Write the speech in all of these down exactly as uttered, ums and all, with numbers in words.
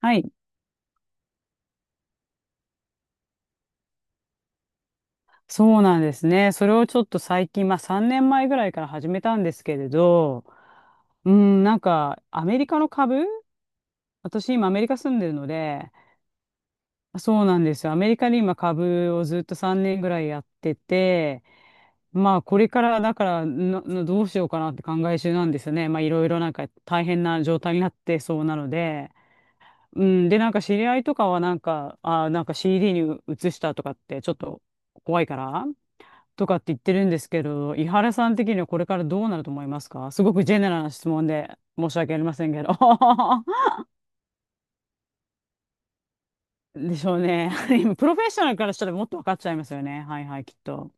はい。そうなんですね。それをちょっと最近、まあさんねんまえぐらいから始めたんですけれど、うん、なんかアメリカの株私今アメリカ住んでるので、そうなんですよ。アメリカで今株をずっとさんねんぐらいやってて、まあこれからだからななどうしようかなって考え中なんですよね。まあいろいろなんか大変な状態になってそうなので、うん、でなんか知り合いとかはなんか、あ、なんか シーディー に移したとかってちょっと怖いから。とかって言ってるんですけど、伊原さん的にはこれからどうなると思いますか？すごくジェネラルな質問で申し訳ありませんけど。でしょうね。今プロフェッショナルからしたらもっと分かっちゃいますよね。はいはい、きっと。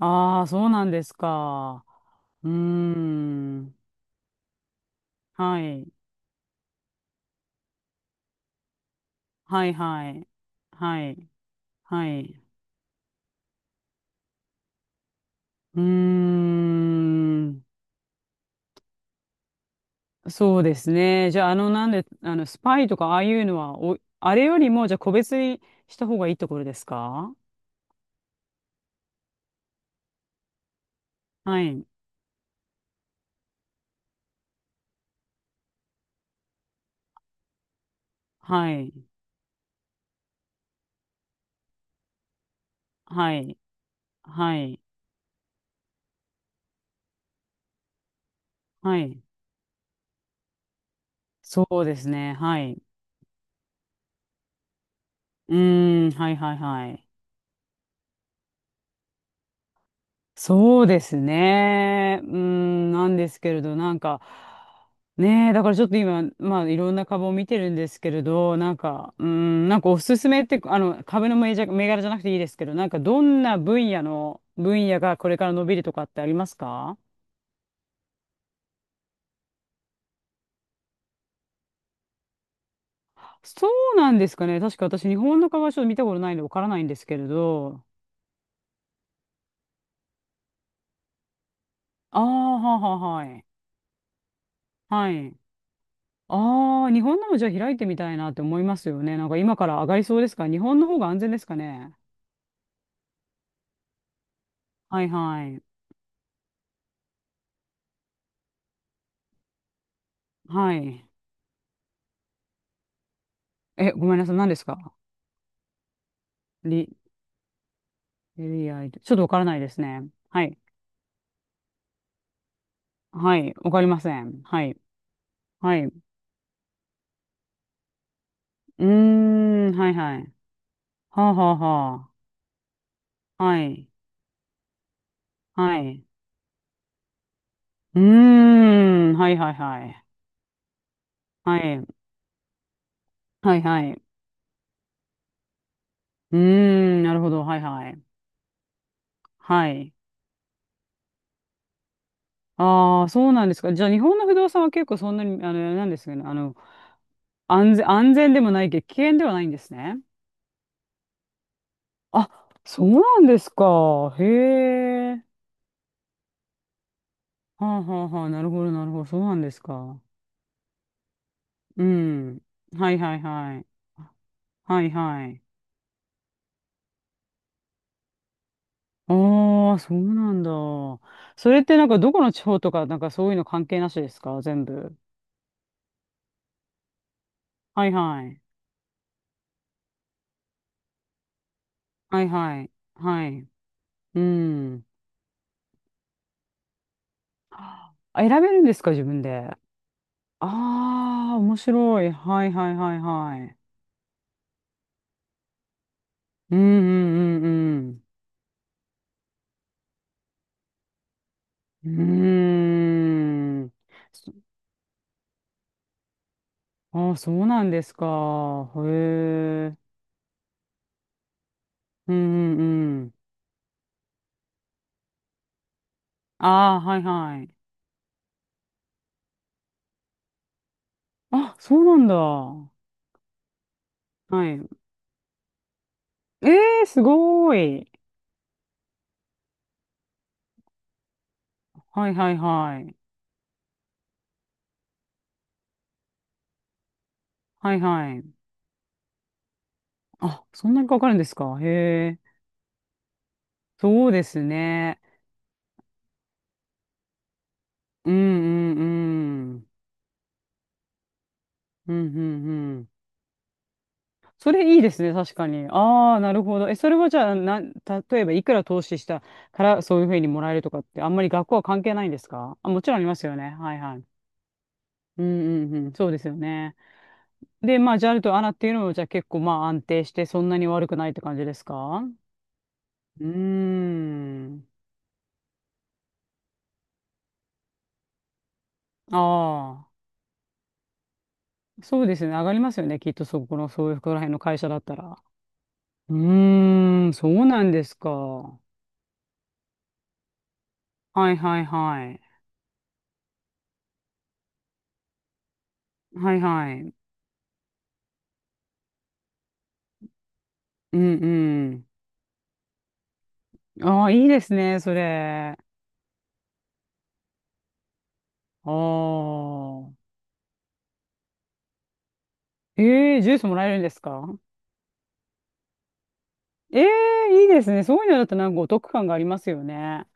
ああ、そうなんですか。うーん。はい。はいはい。はい。はい。うーん。そうですね。じゃあ、あの、なんで、あの、スパイとかああいうのは、お、あれよりも、じゃあ個別にした方がいいところですか？はい。はい。はい。はい。はい。そうですね。はい。うーん。はいはいはい。そうですね。うーん。なんですけれど、なんか、ねえ、だからちょっと今、まあ、いろんな株を見てるんですけれど、なんか、うーん、なんかおすすめって、あの、株の銘柄銘柄じゃなくていいですけど、なんかどんな分野の、分野がこれから伸びるとかってありますか？そうなんですかね。確か私、日本の株はちょっと見たことないんでわからないんですけれど。ああ、はあはあ、はい。はい。ああ、日本のもじゃあ開いてみたいなって思いますよね。なんか今から上がりそうですか？日本の方が安全ですかね。はいはい。はい。え、ごめんなさい。何ですか？リ、リアイ、ちょっとわからないですね。はい。はい。わかりません。はい。はい。うーん。はいはい。はあはあはあ。はい。はい。うーん。はいはいはい。はい。はいはい。うーん。なるほど。はいはい。はい。ああ、そうなんですか。じゃあ、日本の不動産は結構そんなに、あの、なんですかね、あの、安全、安全でもないけど、危険ではないんですね。あ、そうなんですか。へえ。はあはあはあ、なるほど、なるほど、そうなんですか。うん。はいはいはい。はいはい。ああ、そうなんだ。それってなんかどこの地方とか、なんかそういうの関係なしですか？全部。はいはい。はいはい。はい。うん。あ、選べるんですか？自分で。ああ、面白い。はいはいはいはい。うんうんうんうん。うーん。ああ、そうなんですか。へえ。うんうんうん。ああ、はいはい。あ、そうなんだ。はい。ええー、すごーい。はいはいはい。はいはい。あ、そんなにかかるんですか。へえ。そうですね。うんうんうん。うんうんうん。それいいですね、確かに。ああ、なるほど。え、それはじゃあ、な、例えばいくら投資したからそういうふうにもらえるとかって、あんまり学校は関係ないんですか？あ、もちろんありますよね。はいはい。うんうんうん、そうですよね。で、まあ、ジャルとアナっていうのも、じゃあ結構まあ安定して、そんなに悪くないって感じですか？うーん。ああ、そうですね。上がりますよね。きっとそこの、そういうこら辺の会社だったら。うーん、そうなんですか。はいはいはい。はいはい。うんうん。ああ、いいですね、それ。ああ。ええ、ジュースもらえるんですか？ええ、いいですね。そういうのだとなんかお得感がありますよね。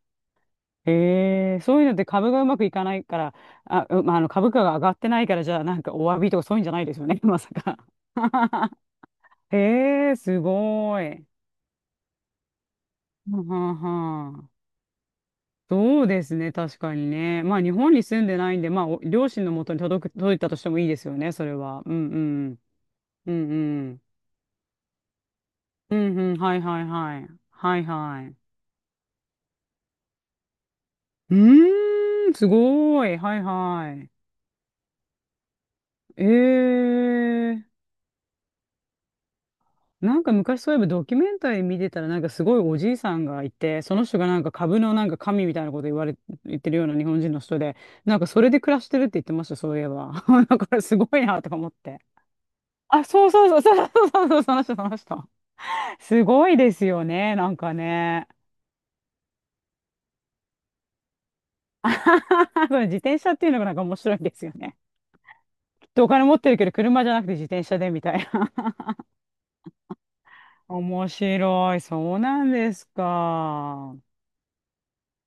ええ、そういうのって株がうまくいかないから、あ、うまあ、あの株価が上がってないから、じゃあなんかお詫びとかそういうんじゃないですよね、まさか。ええ、すごい。はんはんはん、そうですね、確かにね。まあ、日本に住んでないんで、まあ、お両親のもとに届く、届いたとしてもいいですよね、それは。うんうん。うんうん。うんうん、はいはいはい。はいはい。うーん、すごい。はいはい。えー。なんか昔そういえばドキュメンタリー見てたらなんかすごいおじいさんがいて、その人がなんか株のなんか神みたいなこと言われ、言ってるような日本人の人で、なんかそれで暮らしてるって言ってました、そういえば。だからすごいなとか思って。あ、そうそうそうそうそうそうそう、その人、その人。すごいですよね、なんかね。これ自転車っていうのがなんか面白いですよね。で、お金持ってるけど、車じゃなくて自転車でみたいな。面白い。そうなんですか。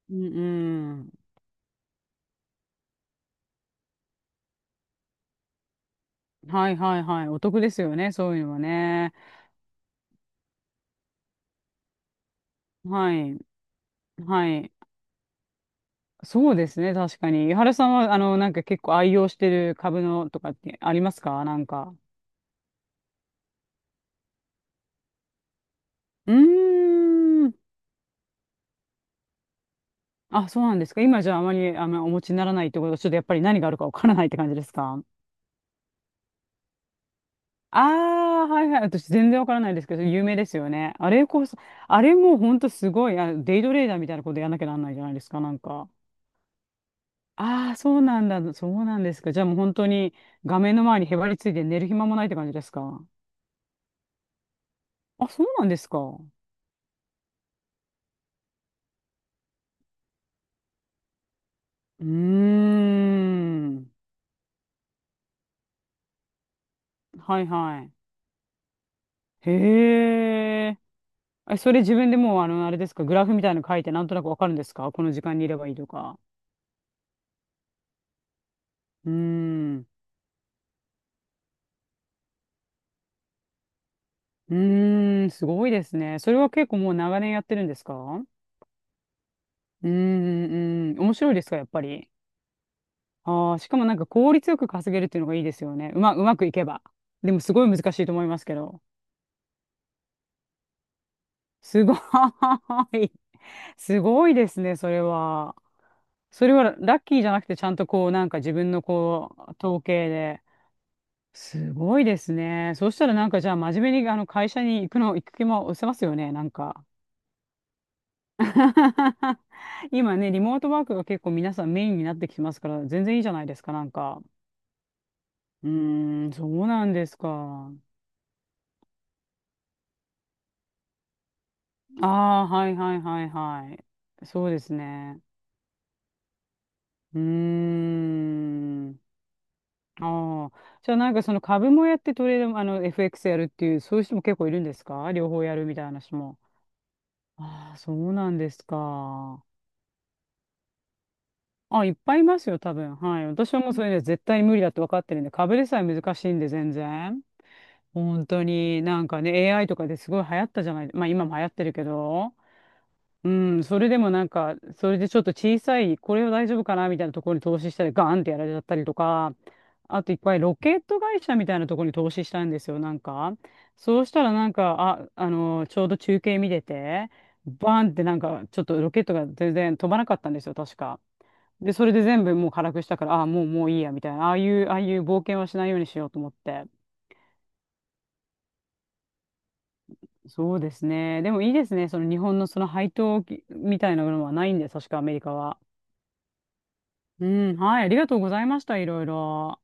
うんうん。はいはいはい。お得ですよね。そういうのはね。はい。はい。そうですね。確かに。井原さんは、あの、なんか結構愛用してる株のとかってありますか？なんか。うーん。あ、そうなんですか。今じゃああまり、あの、お持ちにならないってことは、ちょっとやっぱり何があるかわからないって感じですか？ああ、はいはい。私全然わからないですけど、有名ですよね。あれこそ、あれもうほんとすごい、あ、デイトレーダーみたいなことやんなきゃなんないじゃないですか、なんか。ああ、そうなんだ。そうなんですか。じゃあもう本当に画面の前にへばりついて寝る暇もないって感じですか。あ、そうなんですか。うーん。はいはい。へえ。え、それ自分でもうあの、あれですか、グラフみたいなの書いてなんとなくわかるんですか？この時間にいればいいとか。うーん。うーん、すごいですね。それは結構もう長年やってるんですか？うーん、うん、面白いですか、やっぱり。ああ、しかもなんか効率よく稼げるっていうのがいいですよね。うま、うまくいけば。でもすごい難しいと思いますけど。すごい。すごいですね、それは。それはラッキーじゃなくて、ちゃんとこう、なんか自分のこう、統計で。すごいですね。そうしたらなんかじゃあ真面目にあの会社に行くの、行く気も失せますよね、なんか。今ね、リモートワークが結構皆さんメインになってきてますから、全然いいじゃないですか、なんか。うーん、そうなんですか。ああ、はいはいはいはい。そうですね。うーん。ああ。じゃあなんかその株もやってトレードも、あの、エフエックス やるっていう、そういう人も結構いるんですか？両方やるみたいな人も。ああ、そうなんですか。あ、いっぱいいますよ、多分。はい。私はもうそれね、絶対に無理だって分かってるんで、株でさえ難しいんで、全然。本当になんかね、エーアイ とかですごい流行ったじゃない、まあ今も流行ってるけど、うん、それでもなんか、それでちょっと小さい、これは大丈夫かなみたいなところに投資したり、ガーンってやられちゃったりとか、あといっぱいロケット会社みたいなところに投資したんですよ、なんか。そうしたらなんか、あ、あの、ちょうど中継見てて、バーンってなんか、ちょっとロケットが全然飛ばなかったんですよ、確か。で、それで全部もう辛くしたから、ああ、もうもういいや、みたいな、ああいう、ああいう冒険はしないようにしようと思って。そうですね。でもいいですね。その日本のその配当金みたいなものはないんで、確かアメリカは。うん、はい、ありがとうございました、いろいろ。